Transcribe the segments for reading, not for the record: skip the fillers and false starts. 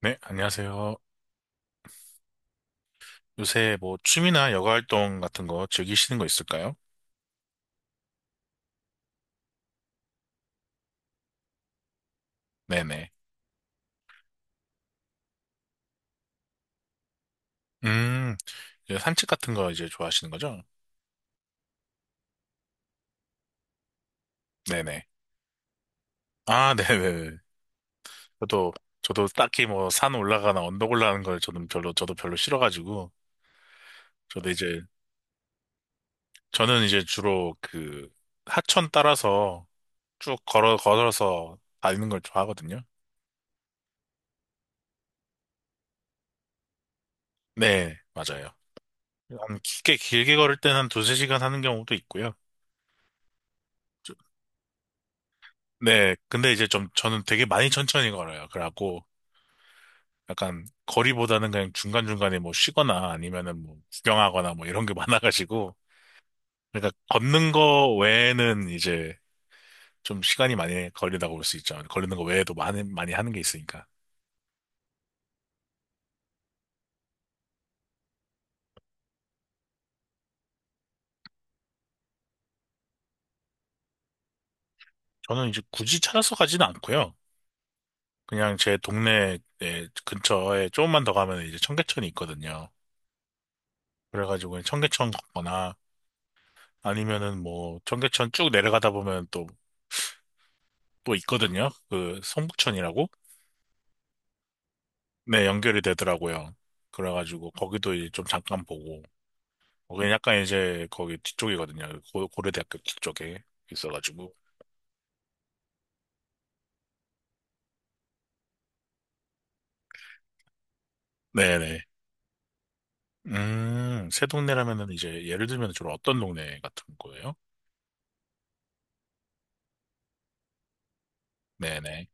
네, 안녕하세요. 요새 뭐 취미나 여가 활동 같은 거 즐기시는 거 있을까요? 네네. 음, 이제 산책 같은 거 이제 좋아하시는 거죠? 네네. 아, 네네네. 저도, 저도 딱히 뭐 산 올라가나 언덕 올라가는 걸 저는 저도 별로 싫어가지고, 저도 이제, 저는 이제 주로 그 하천 따라서 쭉 걸어서 다니는 걸 좋아하거든요. 네, 맞아요. 한 길게 걸을 때는 한 두세 시간 하는 경우도 있고요. 네, 근데 이제 좀 저는 되게 많이 천천히 걸어요. 그래갖고 약간 거리보다는 그냥 중간중간에 뭐 쉬거나 아니면은 뭐 구경하거나 뭐 이런 게 많아가지고 그러니까 걷는 거 외에는 이제 좀 시간이 많이 걸린다고 볼 수 있죠. 걸리는 거 외에도 많이 많이 하는 게 있으니까. 저는 이제 굳이 찾아서 가지는 않고요. 그냥 제 동네 근처에 조금만 더 가면 이제 청계천이 있거든요. 그래가지고 그냥 청계천 걷거나 아니면은 뭐 청계천 쭉 내려가다 보면 또 있거든요. 그 성북천이라고? 네, 연결이 되더라고요. 그래가지고 거기도 이제 좀 잠깐 보고. 거기는 약간 이제 거기 뒤쪽이거든요. 고려대학교 뒤쪽에 있어가지고. 네네. 새 동네라면은 이제 예를 들면 좀 어떤 동네 같은 거예요? 네네.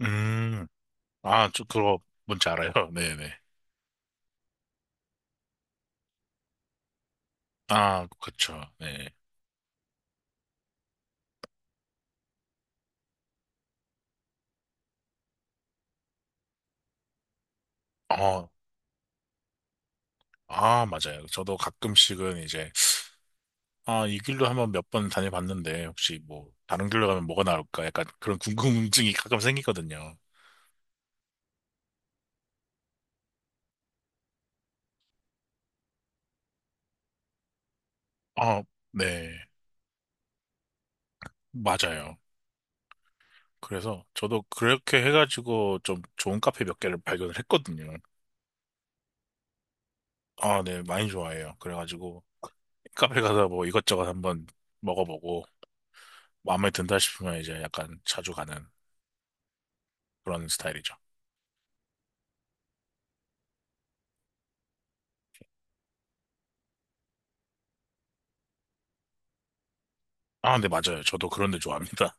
음, 아, 저 그거 뭔지 알아요? 네네. 아, 그쵸. 네. 어, 아, 맞아요. 저도 가끔씩은 이제 아, 이 길로 한번 몇 번 다녀봤는데, 혹시 뭐, 다른 길로 가면 뭐가 나올까? 약간 그런 궁금증이 가끔 생기거든요. 아, 네. 맞아요. 그래서 저도 그렇게 해가지고 좀 좋은 카페 몇 개를 발견을 했거든요. 아, 네. 많이 좋아해요. 그래가지고 카페 가서 뭐 이것저것 한번 먹어보고 마음에 든다 싶으면 이제 약간 자주 가는 그런 스타일이죠. 아, 네. 맞아요. 저도 그런 데 좋아합니다.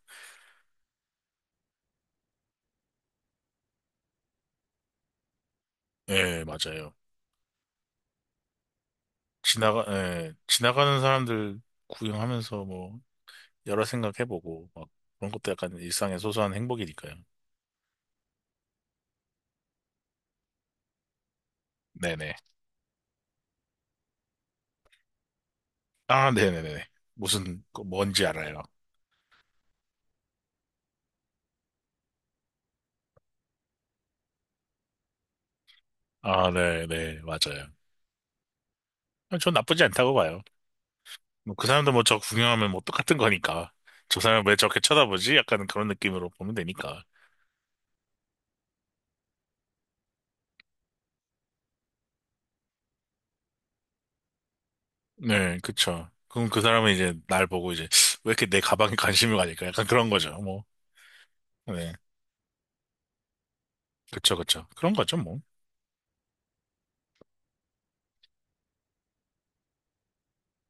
예, 맞아요. 예, 지나가는 사람들 구경하면서 뭐 여러 생각해보고 막 그런 것도 약간 일상의 소소한 행복이니까요. 네네. 아, 네네네. 무슨 거 뭔지 알아요. 아, 네네. 맞아요. 아, 전 나쁘지 않다고 봐요. 뭐 그 사람도 뭐 저 구경하면 뭐 똑같은 거니까. 저 사람 왜 저렇게 쳐다보지? 약간 그런 느낌으로 보면 되니까. 네, 그쵸. 그럼 그 사람은 이제 날 보고 이제 왜 이렇게 내 가방에 관심을 가질까 약간 그런 거죠. 뭐. 네. 그쵸, 그쵸. 그런 거죠, 뭐.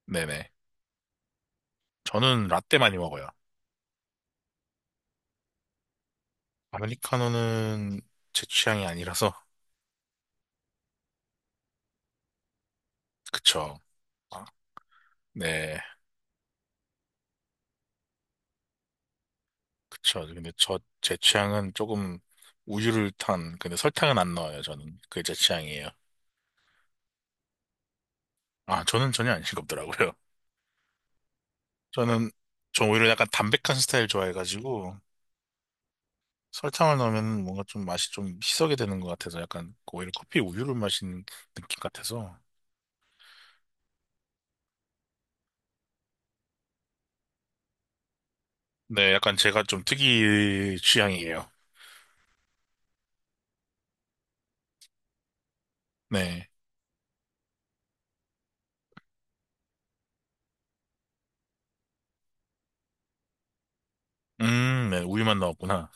네네. 저는 라떼 많이 먹어요. 아메리카노는 제 취향이 아니라서. 그쵸. 아, 네, 그쵸. 근데 제 취향은 조금 우유를 탄, 근데 설탕은 안 넣어요, 저는. 그게 제 취향이에요. 아, 저는 전혀 안 싱겁더라고요. 저는, 저 오히려 약간 담백한 스타일 좋아해가지고, 설탕을 넣으면 뭔가 좀 맛이 좀 희석이 되는 것 같아서 약간 오히려 커피 우유를 마시는 느낌 같아서. 네, 약간 제가 좀 특이 취향이에요. 네. 네, 우유만 넣었구나.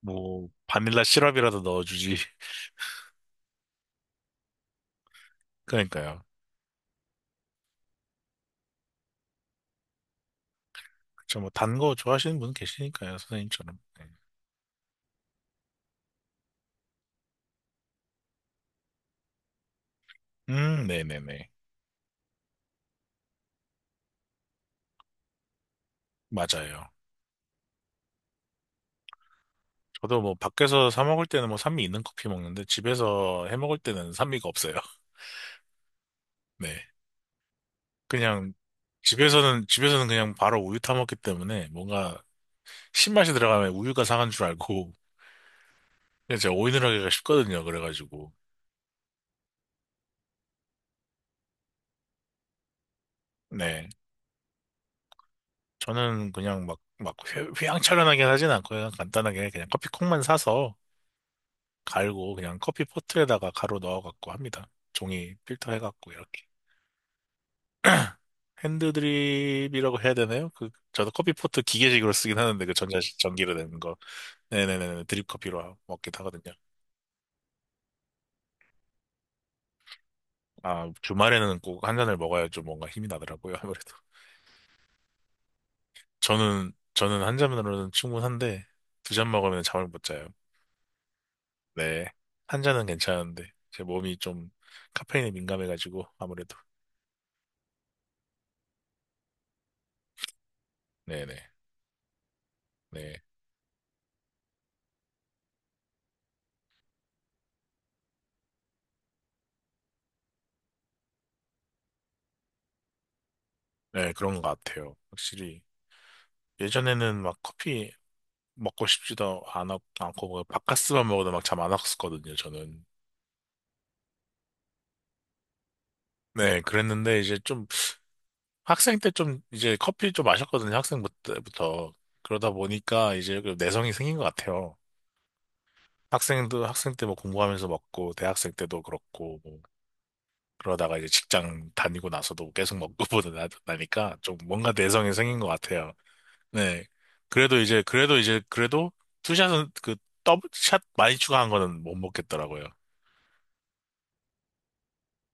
뭐, 바닐라 시럽이라도 넣어주지. 그러니까요. 그쵸, 뭐, 단 거 좋아하시는 분 계시니까요, 선생님처럼. 네. 네네네. 맞아요. 저도 뭐, 밖에서 사 먹을 때는 뭐, 산미 있는 커피 먹는데, 집에서 해 먹을 때는 산미가 없어요. 네. 그냥, 집에서는 그냥 바로 우유 타 먹기 때문에, 뭔가, 신맛이 들어가면 우유가 상한 줄 알고, 그냥 제가 오인을 하기가 쉽거든요, 그래가지고. 네. 저는 그냥 휘황찬란하게 하진 않고, 그냥 간단하게 그냥 커피콩만 사서, 갈고 그냥 커피 포트에다가 가루 넣어갖고 합니다. 종이 필터 해갖고 이렇게. 핸드드립이라고 해야 되나요? 그 저도 커피 포트 기계식으로 쓰긴 하는데 그 전자 전기로 되는 거. 네네네 드립 커피로 먹기도 하거든요. 아 주말에는 꼭 한 잔을 먹어야 좀 뭔가 힘이 나더라고요. 아무래도 저는 한 잔으로는 충분한데 두 잔 먹으면 잠을 못 자요. 네. 한 잔은 괜찮은데 제 몸이 좀 카페인에 민감해가지고 아무래도 네네 네. 네, 그런 것 같아요. 확실히 예전에는 막 커피 먹고 않고 뭐 바카스만 먹어도 막 잠 안 왔었거든요, 저는. 네, 그랬는데 이제 좀 학생 때 좀 이제 커피 좀 마셨거든요, 학생 때부터. 그러다 보니까 이제 그 내성이 생긴 것 같아요. 학생 때 뭐 공부하면서 먹고 대학생 때도 그렇고 뭐 그러다가 이제 직장 다니고 나서도 계속 먹고 보다 나니까 좀 뭔가 내성이 생긴 것 같아요. 네. 그래도 투샷은 그 더블샷 많이 추가한 거는 못 먹겠더라고요.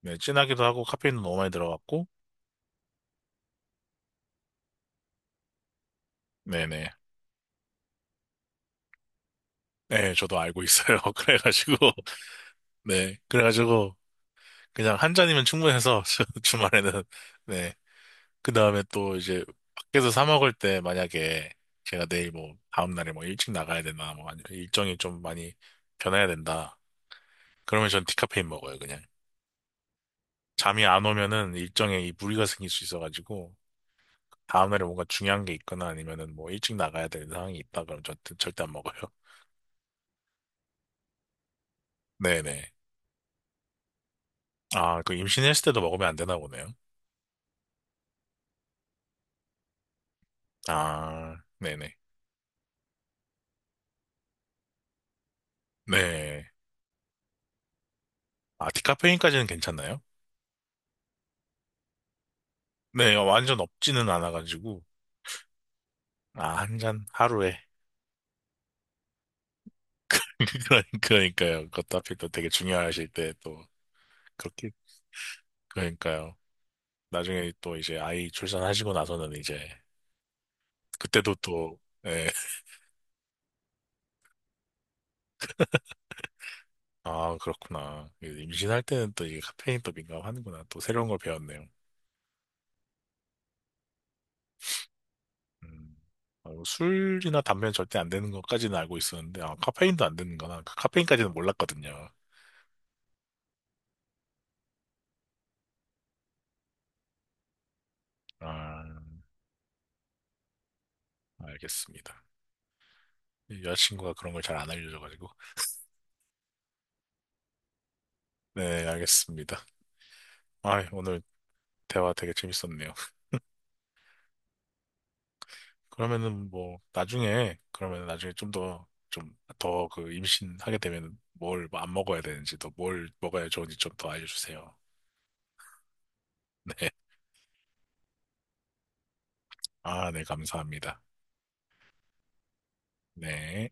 네, 진하기도 하고 카페인도 너무 많이 들어갔고, 네네. 네, 저도 알고 있어요. 그래가지고, 네, 그래가지고 그냥 한 잔이면 충분해서 주말에는 네, 그 다음에 또 이제 밖에서 사 먹을 때 만약에 제가 내일 뭐 다음 날에 뭐 일찍 나가야 된다, 뭐 아니면 일정이 좀 많이 변해야 된다. 그러면 전 디카페인 먹어요, 그냥. 잠이 안 오면은 일정에 이 무리가 생길 수 있어가지고 다음 날에 뭔가 중요한 게 있거나 아니면은 뭐 일찍 나가야 되는 상황이 있다 그럼 저 절대 안 먹어요. 네네. 아, 그 임신했을 때도 먹으면 안 되나 보네요. 아, 네네. 네. 아, 디카페인까지는 괜찮나요? 네, 완전 없지는 않아가지고. 아, 한 잔 하루에. 그러니까요. 그것도 하필 또 되게 중요하실 때 또 그렇게. 그러니까요. 나중에 또 이제 아이 출산하시고 나서는 이제 그때도 또, 예. 아, 그렇구나. 그 임신할 때는 또 이게 카페인 또 민감하는구나. 또 새로운 걸 배웠네요. 음, 아, 뭐 술이나 담배는 절대 안 되는 것까지는 알고 있었는데, 아, 카페인도 안 되는 거나, 그 카페인까지는 몰랐거든요. 아, 알겠습니다. 이 여자친구가 그런 걸 잘 안 알려줘가지고. 네, 알겠습니다. 아, 오늘 대화 되게 재밌었네요. 그러면은 뭐, 나중에 좀 좀 더 그 임신하게 되면 뭘 뭐 안 먹어야 되는지, 또 뭘 먹어야 좋은지 좀 더 알려주세요. 네. 아, 네, 감사합니다. 네.